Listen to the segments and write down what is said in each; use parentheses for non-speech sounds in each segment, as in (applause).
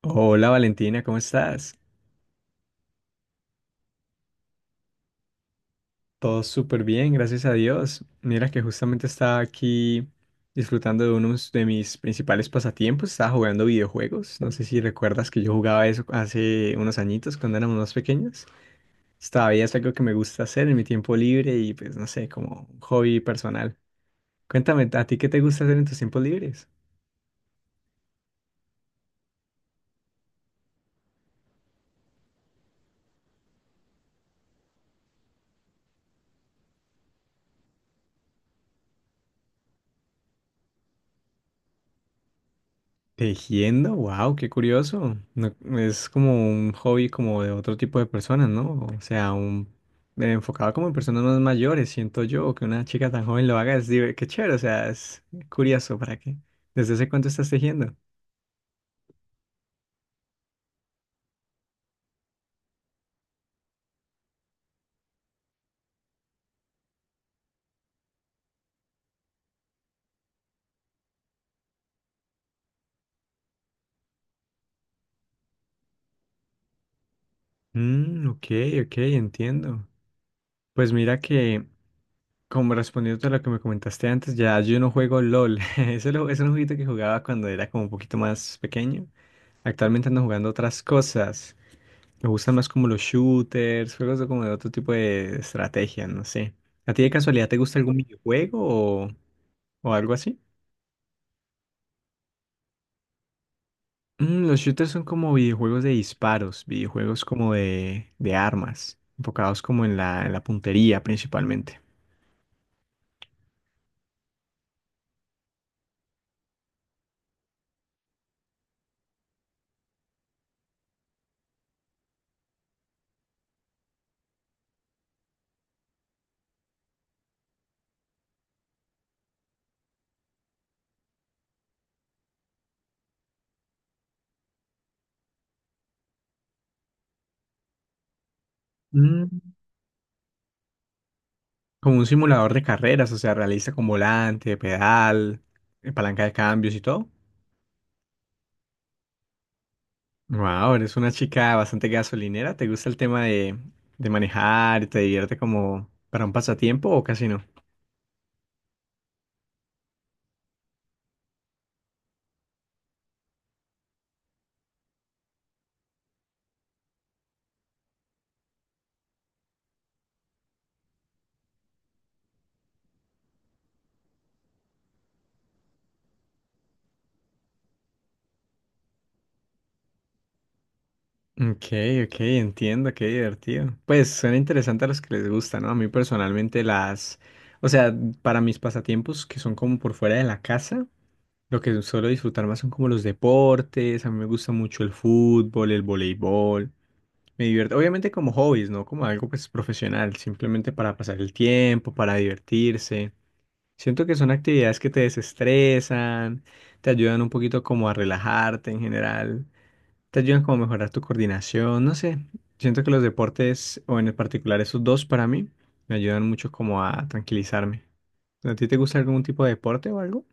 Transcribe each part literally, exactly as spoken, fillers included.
Hola Valentina, ¿cómo estás? Todo súper bien, gracias a Dios. Mira que justamente estaba aquí disfrutando de uno de mis principales pasatiempos, estaba jugando videojuegos. No sé si recuerdas que yo jugaba eso hace unos añitos cuando éramos más pequeños. Todavía es algo que me gusta hacer en mi tiempo libre y pues no sé, como un hobby personal. Cuéntame, ¿a ti qué te gusta hacer en tus tiempos libres? Tejiendo, wow, qué curioso. No- es como un hobby como de otro tipo de personas, ¿no? O sea, un eh, enfocado como en personas más mayores, siento yo, que una chica tan joven lo haga es diver- qué chévere, o sea, es curioso, ¿para qué? ¿Desde hace cuánto estás tejiendo? Mm, ok, ok, entiendo. Pues mira que, como respondiendo a lo que me comentaste antes, ya yo no juego L O L. (laughs) Ese lo- es un jueguito que jugaba cuando era como un poquito más pequeño. Actualmente ando jugando otras cosas. Me gustan más como los shooters, juegos de como de otro tipo de estrategia, no sé. ¿A ti de casualidad te gusta algún videojuego o, o algo así? Mm, los shooters son como videojuegos de disparos, videojuegos como de, de armas, enfocados como en la, en la puntería principalmente. Mm. Como un simulador de carreras, o sea, realista con volante, pedal, eh, palanca de cambios y todo. Wow, eres una chica bastante gasolinera. ¿Te gusta el tema de, de manejar y te divierte como para un pasatiempo o casi no? Ok, ok, entiendo, qué divertido. Pues suena interesante a los que les gusta, ¿no? A mí personalmente las, o sea, para mis pasatiempos que son como por fuera de la casa, lo que suelo disfrutar más son como los deportes, a mí me gusta mucho el fútbol, el voleibol, me divierte, obviamente como hobbies, ¿no? Como algo pues profesional, simplemente para pasar el tiempo, para divertirse. Siento que son actividades que te desestresan, te ayudan un poquito como a relajarte en general, te ayudan como a mejorar tu coordinación, no sé. Siento que los deportes, o en particular esos dos para mí, me ayudan mucho como a tranquilizarme. ¿A ti te gusta algún tipo de deporte o algo?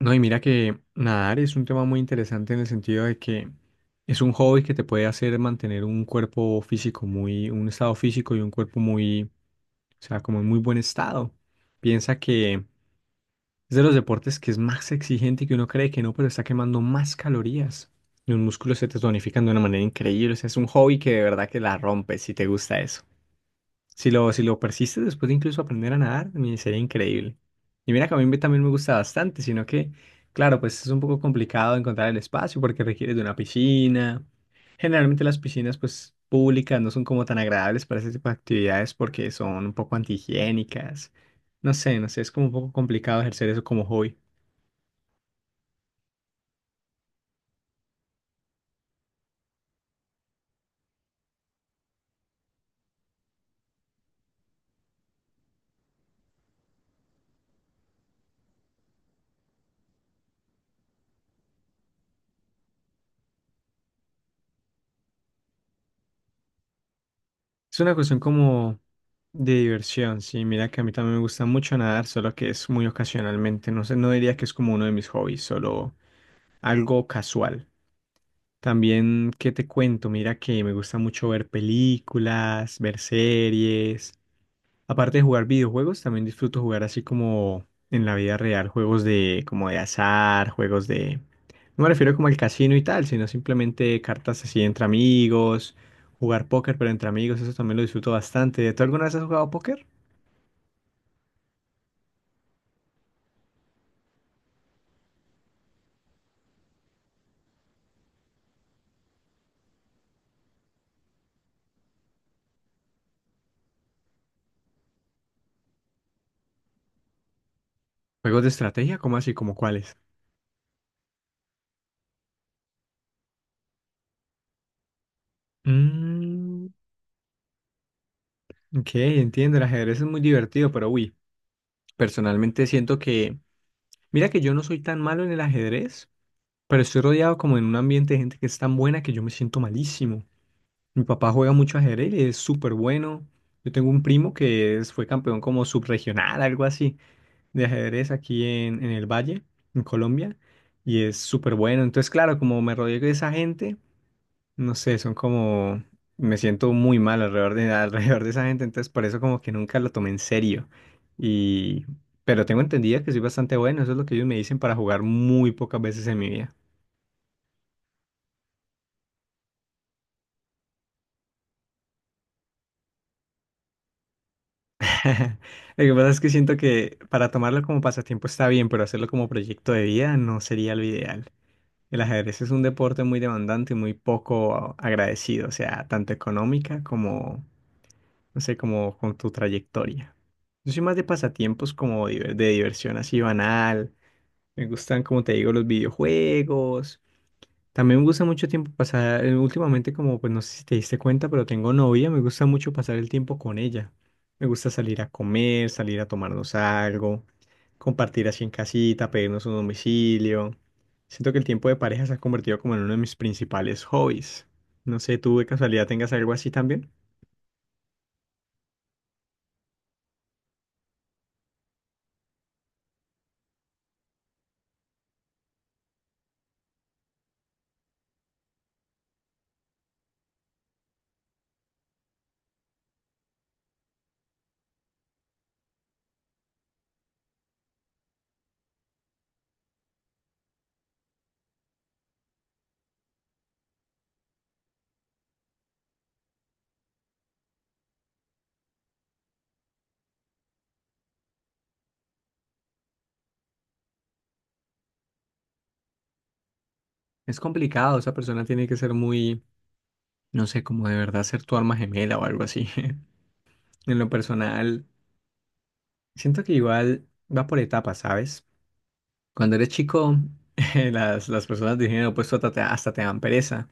No, y mira que nadar es un tema muy interesante en el sentido de que es un hobby que te puede hacer mantener un cuerpo físico muy, un estado físico y un cuerpo muy, o sea, como en muy buen estado. Piensa que es de los deportes que es más exigente y que uno cree que no, pero está quemando más calorías. Y un músculo se te tonifica de una manera increíble. O sea, es un hobby que de verdad que la rompes si te gusta eso. Si lo, si lo persistes después de incluso aprender a nadar, me sería increíble. Y mira que a mí me- también me gusta bastante, sino que, claro, pues es un poco complicado encontrar el espacio porque requiere de una piscina. Generalmente las piscinas, pues, públicas no son como tan agradables para ese tipo de actividades porque son un poco antihigiénicas. No sé, no sé, es como un poco complicado ejercer eso como hobby. Es una cuestión como de diversión, sí. Mira que a mí también me gusta mucho nadar, solo que es muy ocasionalmente. No sé, no diría que es como uno de mis hobbies, solo algo casual. También, ¿qué te cuento? Mira que me gusta mucho ver películas, ver series. Aparte de jugar videojuegos, también disfruto jugar así como en la vida real, juegos de como de azar, juegos de... No me refiero como al casino y tal, sino simplemente cartas así entre amigos, jugar póker pero entre amigos, eso también lo disfruto bastante. ¿Tú alguna vez has jugado póker? ¿Juegos de estrategia? ¿Cómo así? ¿Como cuáles? Mm, ok, entiendo, el ajedrez es muy divertido, pero uy, personalmente siento que. Mira que yo no soy tan malo en el ajedrez, pero estoy rodeado como en un ambiente de gente que es tan buena que yo me siento malísimo. Mi papá juega mucho ajedrez y es súper bueno. Yo tengo un primo que es- fue campeón como subregional, algo así, de ajedrez aquí en, en el Valle, en Colombia, y es súper bueno. Entonces, claro, como me rodeo de esa gente, no sé, son como, me siento muy mal alrededor de, (laughs) alrededor de esa gente, entonces por eso como que nunca lo tomé en serio. Y, pero tengo entendido que soy bastante bueno, eso es lo que ellos me dicen para jugar muy pocas veces en mi vida. (laughs) Lo que pasa es que siento que para tomarlo como pasatiempo está bien, pero hacerlo como proyecto de vida no sería lo ideal. El ajedrez es un deporte muy demandante y muy poco agradecido, o sea, tanto económica como, no sé, como con tu trayectoria. Yo soy más de pasatiempos como diver- de diversión así banal. Me gustan, como te digo, los videojuegos. También me gusta mucho tiempo pasar, eh, últimamente como, pues no sé si te diste cuenta, pero tengo novia, me gusta mucho pasar el tiempo con ella. Me gusta salir a comer, salir a tomarnos algo, compartir así en casita, pedirnos un domicilio. Siento que el tiempo de pareja se ha convertido como en uno de mis principales hobbies. No sé, ¿tú de casualidad tengas algo así también? Es complicado, esa persona tiene que ser muy, no sé, como de verdad ser tu alma gemela o algo así. (laughs) En lo personal, siento que igual va por etapas, ¿sabes? Cuando eres chico, (laughs) eh, las, las personas de género opuesto hasta te, hasta te dan pereza.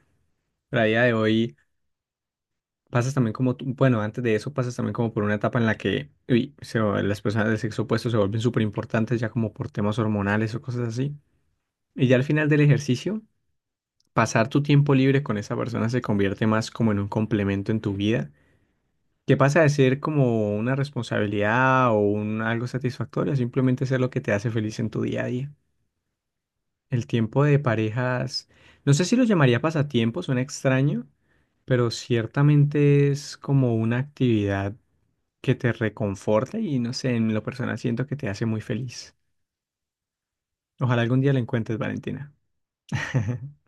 Pero a día de hoy pasas también como, tú- bueno, antes de eso pasas también como por una etapa en la que uy, se va- las personas del sexo opuesto se vuelven súper importantes ya como por temas hormonales o cosas así. Y ya al final del ejercicio, pasar tu tiempo libre con esa persona se convierte más como en un complemento en tu vida, que pasa de ser como una responsabilidad o un algo satisfactorio, a simplemente ser lo que te hace feliz en tu día a día. El tiempo de parejas, no sé si lo llamaría pasatiempo, suena extraño, pero ciertamente es como una actividad que te reconforta y no sé, en lo personal siento que te hace muy feliz. Ojalá algún día la encuentres, Valentina. (laughs)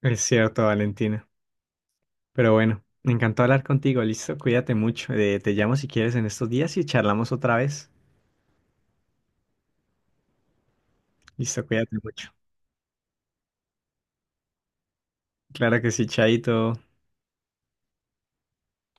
Es cierto, Valentina. Pero bueno, me encantó hablar contigo, listo, cuídate mucho. Eh, te llamo si quieres en estos días y charlamos otra vez. Listo, cuídate mucho. Claro que sí, Chaito.